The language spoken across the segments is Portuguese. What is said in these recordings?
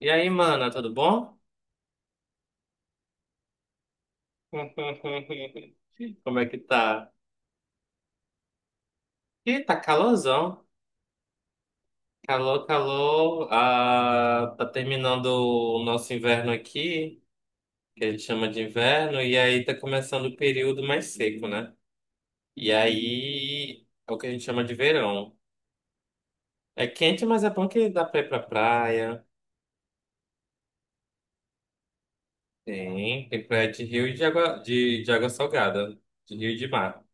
E aí, mana, tudo bom? Como é que tá? Ih, tá calorzão. Calor, calor. Ah, tá terminando o nosso inverno aqui, que a gente chama de inverno, e aí tá começando o período mais seco, né? E aí é o que a gente chama de verão. É quente, mas é bom que dá pra ir pra praia. Tem praia de rio e de água, de água salgada, de rio e de mar.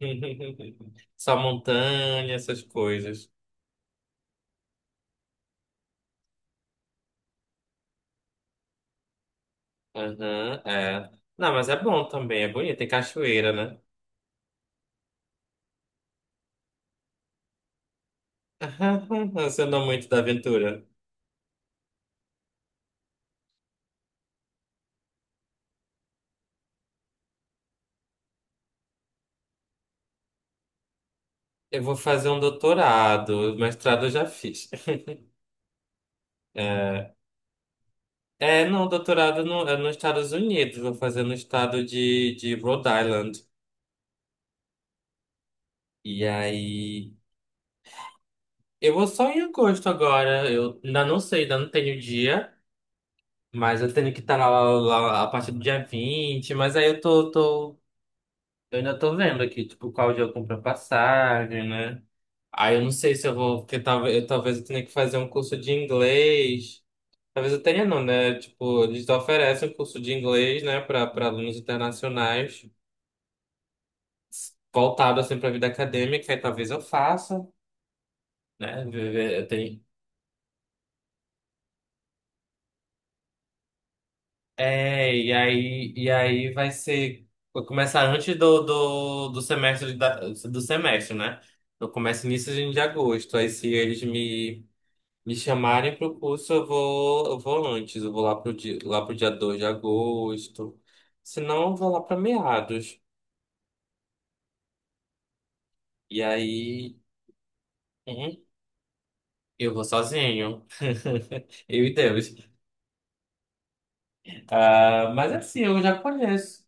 Só montanha, essas coisas. Uhum, é. Não, mas é bom também, é bonito, tem cachoeira, né? Você não é muito da aventura. Eu vou fazer um doutorado, mestrado eu já fiz. É, é, não, doutorado no, é nos Estados Unidos, vou fazer no estado de Rhode Island. E aí, eu vou só em agosto agora, eu ainda não sei, ainda não tenho dia, mas eu tenho que estar lá a partir do dia 20, mas aí eu ainda tô vendo aqui, tipo, qual dia eu compro a passagem, né? Aí eu não sei se eu vou, porque talvez eu tenha que fazer um curso de inglês. Talvez eu tenha não, né? Tipo, eles oferecem um curso de inglês, né, para alunos internacionais, voltado assim para a vida acadêmica, aí talvez eu faça, né? Eu tenho... É, e aí vai ser vou começar antes do semestre do semestre, né? Eu começo início de agosto. Aí se eles me chamarem pro curso, eu vou antes, eu vou lá pro dia 2 de agosto. Se não, eu vou lá pra meados. E aí, uhum, eu vou sozinho. Eu e Deus. Ah, mas assim, eu já conheço.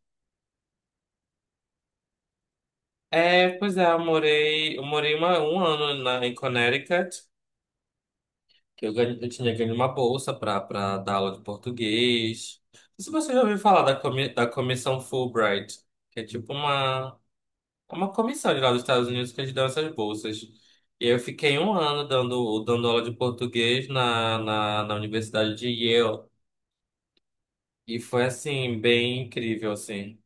É, pois é, eu morei, eu morei um ano em Connecticut, que eu tinha ganho uma bolsa para dar aula de português. Não sei se você já ouviu falar da comissão Fulbright, que é tipo uma. É uma comissão de lá dos Estados Unidos que eles dão essas bolsas. E eu fiquei um ano dando aula de português na Universidade de Yale. E foi, assim, bem incrível, assim.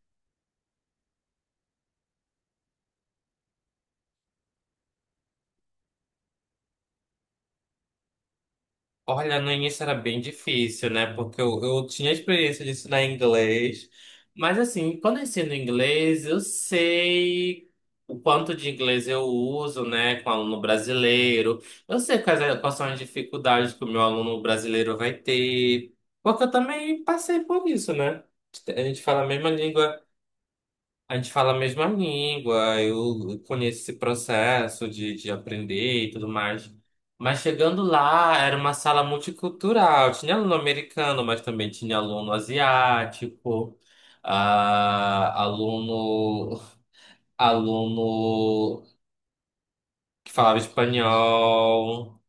Olha, no início era bem difícil, né? Porque eu tinha experiência de ensinar inglês. Mas, assim, quando eu ensino inglês, eu sei o quanto de inglês eu uso, né, com aluno brasileiro. Eu sei quais são as dificuldades que o meu aluno brasileiro vai ter. Porque eu também passei por isso, né? A gente fala a mesma língua. A gente fala a mesma língua, eu conheço esse processo de aprender e tudo mais. Mas chegando lá, era uma sala multicultural. Tinha aluno americano, mas também tinha aluno asiático, ah, aluno, aluno que falava espanhol.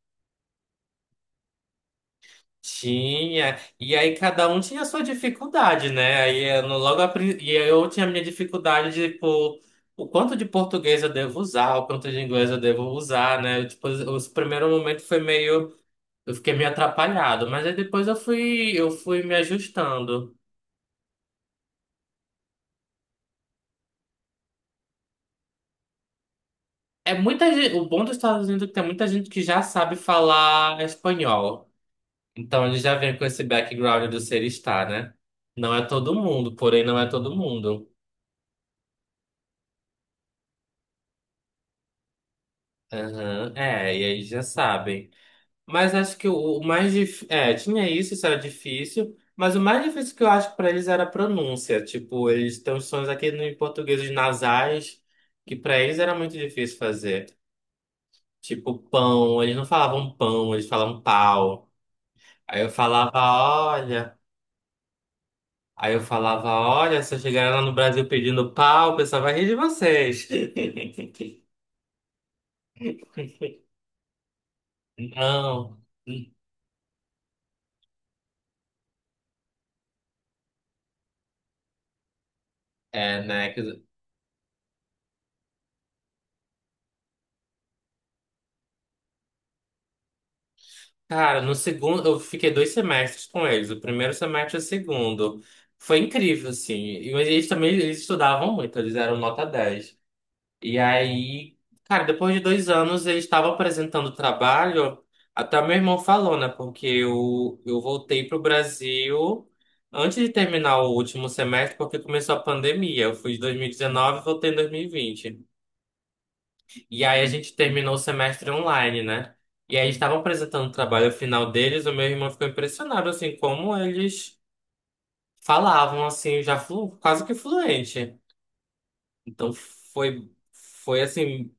Tinha, e aí cada um tinha a sua dificuldade, né? Aí eu no- logo a pri- e aí eu tinha a minha dificuldade de tipo, o quanto de português eu devo usar, o quanto de inglês eu devo usar, né? Eu, tipo, os o primeiro momento foi meio, eu fiquei meio atrapalhado, mas aí depois eu fui me ajustando. É muita gente, o bom dos Estados Unidos é que tem muita gente que já sabe falar espanhol. Então ele já vem com esse background do ser estar, né? Não é todo mundo, porém não é todo mundo. Aham. É, e aí já sabem. Mas acho que o mais difícil. É, tinha isso, isso era difícil. Mas o mais difícil que eu acho pra eles era a pronúncia. Tipo, eles têm uns sons aqui no em português nasais, que pra eles era muito difícil fazer. Tipo, pão. Eles não falavam pão, eles falavam pau. Aí eu falava, olha. Aí eu falava, olha, se eu chegar lá no Brasil pedindo pau, o pessoal vai rir de vocês. Não. É, né? Cara, no segundo, eu fiquei 2 semestres com eles, o primeiro semestre e o segundo. Foi incrível, assim. Mas eles também eles estudavam muito, eles eram nota 10. E aí, cara, depois de 2 anos, eles estavam apresentando trabalho. Até meu irmão falou, né? Porque eu voltei pro Brasil antes de terminar o último semestre, porque começou a pandemia. Eu fui de 2019 e dezenove e voltei em 2020. E aí a gente terminou o semestre online, né? E aí estavam apresentando o trabalho final deles, o meu irmão ficou impressionado, assim, como eles falavam, assim, já quase que fluente. Então foi assim,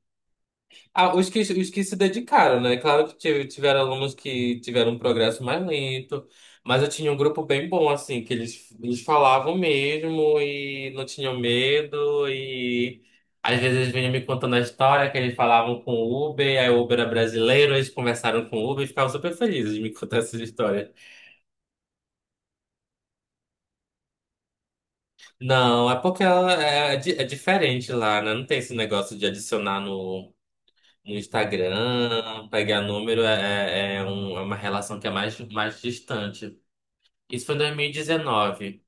os que se dedicaram, né? Claro que tiveram alunos que tiveram um progresso mais lento, mas eu tinha um grupo bem bom, assim, que eles falavam mesmo e não tinham medo, e às vezes eles vinham me contando a história que eles falavam com o Uber, aí o Uber era brasileiro, eles conversaram com o Uber e ficavam super felizes de me contar essas histórias. Não, é porque ela é, é diferente lá, né? Não tem esse negócio de adicionar no Instagram, pegar número é, é uma relação que é mais distante. Isso foi em 2019.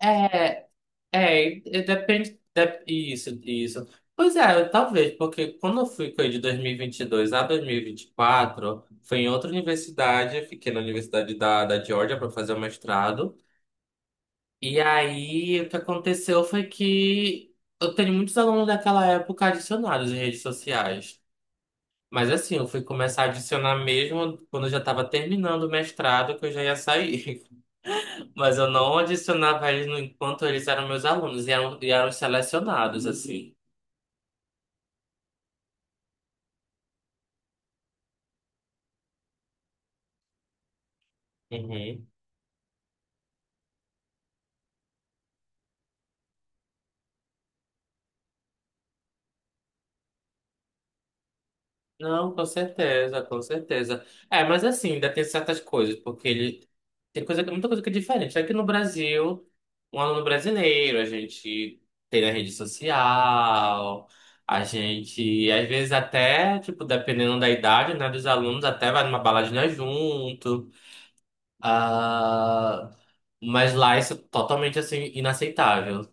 É, é, e depende, isso, isso. Pois é, talvez, porque quando eu fui com ele de 2022 a 2024, foi em outra universidade, eu fiquei na Universidade da Georgia para fazer o mestrado. E aí, o que aconteceu foi que eu tenho muitos alunos daquela época adicionados em redes sociais. Mas assim, eu fui começar a adicionar mesmo quando eu já estava terminando o mestrado, que eu já ia sair. Mas eu não adicionava eles enquanto eles eram meus alunos e eram selecionados, assim. Uhum. Não, com certeza, com certeza. É, mas assim, ainda tem certas coisas, porque ele tem coisa, muita coisa que é diferente. Aqui no Brasil, um aluno brasileiro, a gente tem na rede social, a gente, às vezes até, tipo, dependendo da idade, né, dos alunos, até vai numa baladinha junto. Ah, mas lá isso é totalmente, assim, inaceitável.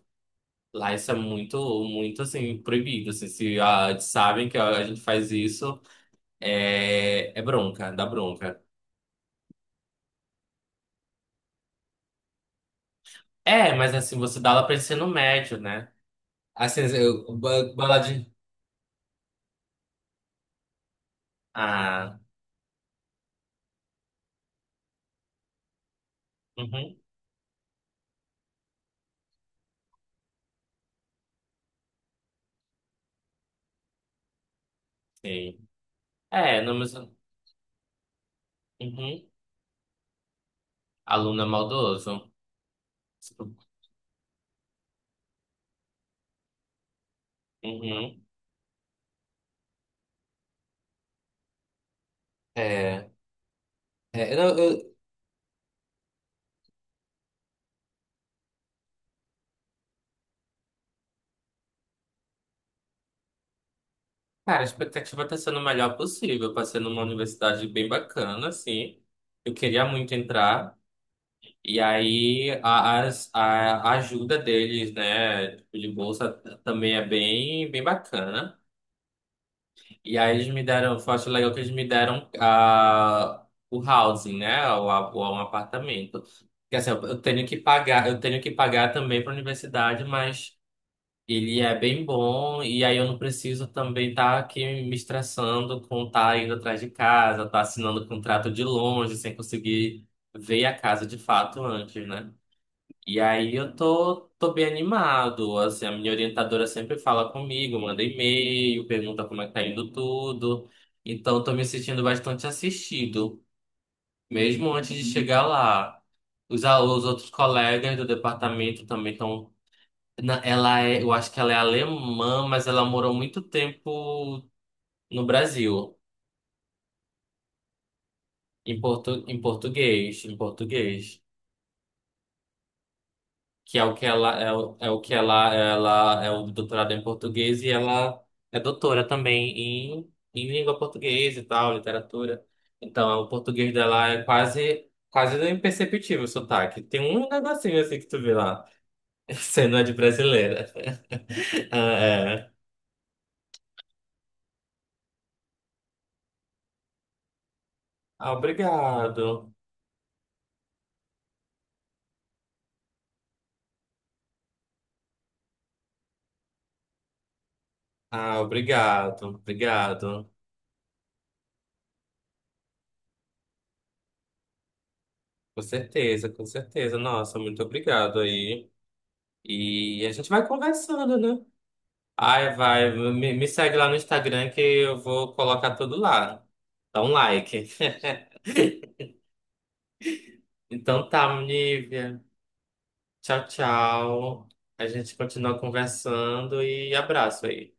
Lá isso é muito, muito, assim, proibido. Assim, se ah, sabem que a gente faz isso. É, bronca, dá bronca. É, mas assim, você dá aula pra ensino médio, né? Assim, eu, baladinha. Ah, uhum, sim. É, não, mas. Uhum. Aluno é maldoso. Uhum. É. é eu, eu- Cara, a expectativa tá sendo o melhor possível pra ser numa universidade bem bacana, assim. Eu queria muito entrar. E aí, a ajuda deles, né? Tipo, de bolsa também é bem, bem bacana. E aí eles me deram, Foi acho legal que eles me deram o housing, né? Um apartamento. Porque assim, eu tenho que pagar, eu tenho que pagar também para a universidade, mas ele é bem bom, e aí eu não preciso também estar aqui me estressando com estar tá indo atrás de casa, estar tá assinando contrato de longe, sem conseguir ver a casa de fato antes, né? E aí eu tô bem animado, assim, a minha orientadora sempre fala comigo, manda e-mail, pergunta como é que tá indo tudo. Então eu tô me sentindo bastante assistido, mesmo antes de chegar lá. Os outros colegas do departamento também estão. Eu acho que ela é alemã, mas ela morou muito tempo no Brasil, em português. Que é o que ela é, é o que ela é o doutorado em português e ela é doutora também em língua portuguesa e tal, literatura. Então, o português dela é quase quase imperceptível o sotaque. Tem um negocinho assim que tu vê lá, sendo de brasileira. Ah, é. Ah, obrigado. Ah, obrigado. Obrigado. Com certeza, com certeza. Nossa, muito obrigado aí. E a gente vai conversando, né? Ai, vai, me segue lá no Instagram que eu vou colocar tudo lá. Dá um like. Então tá, Nívia. Tchau, tchau. A gente continua conversando e abraço aí.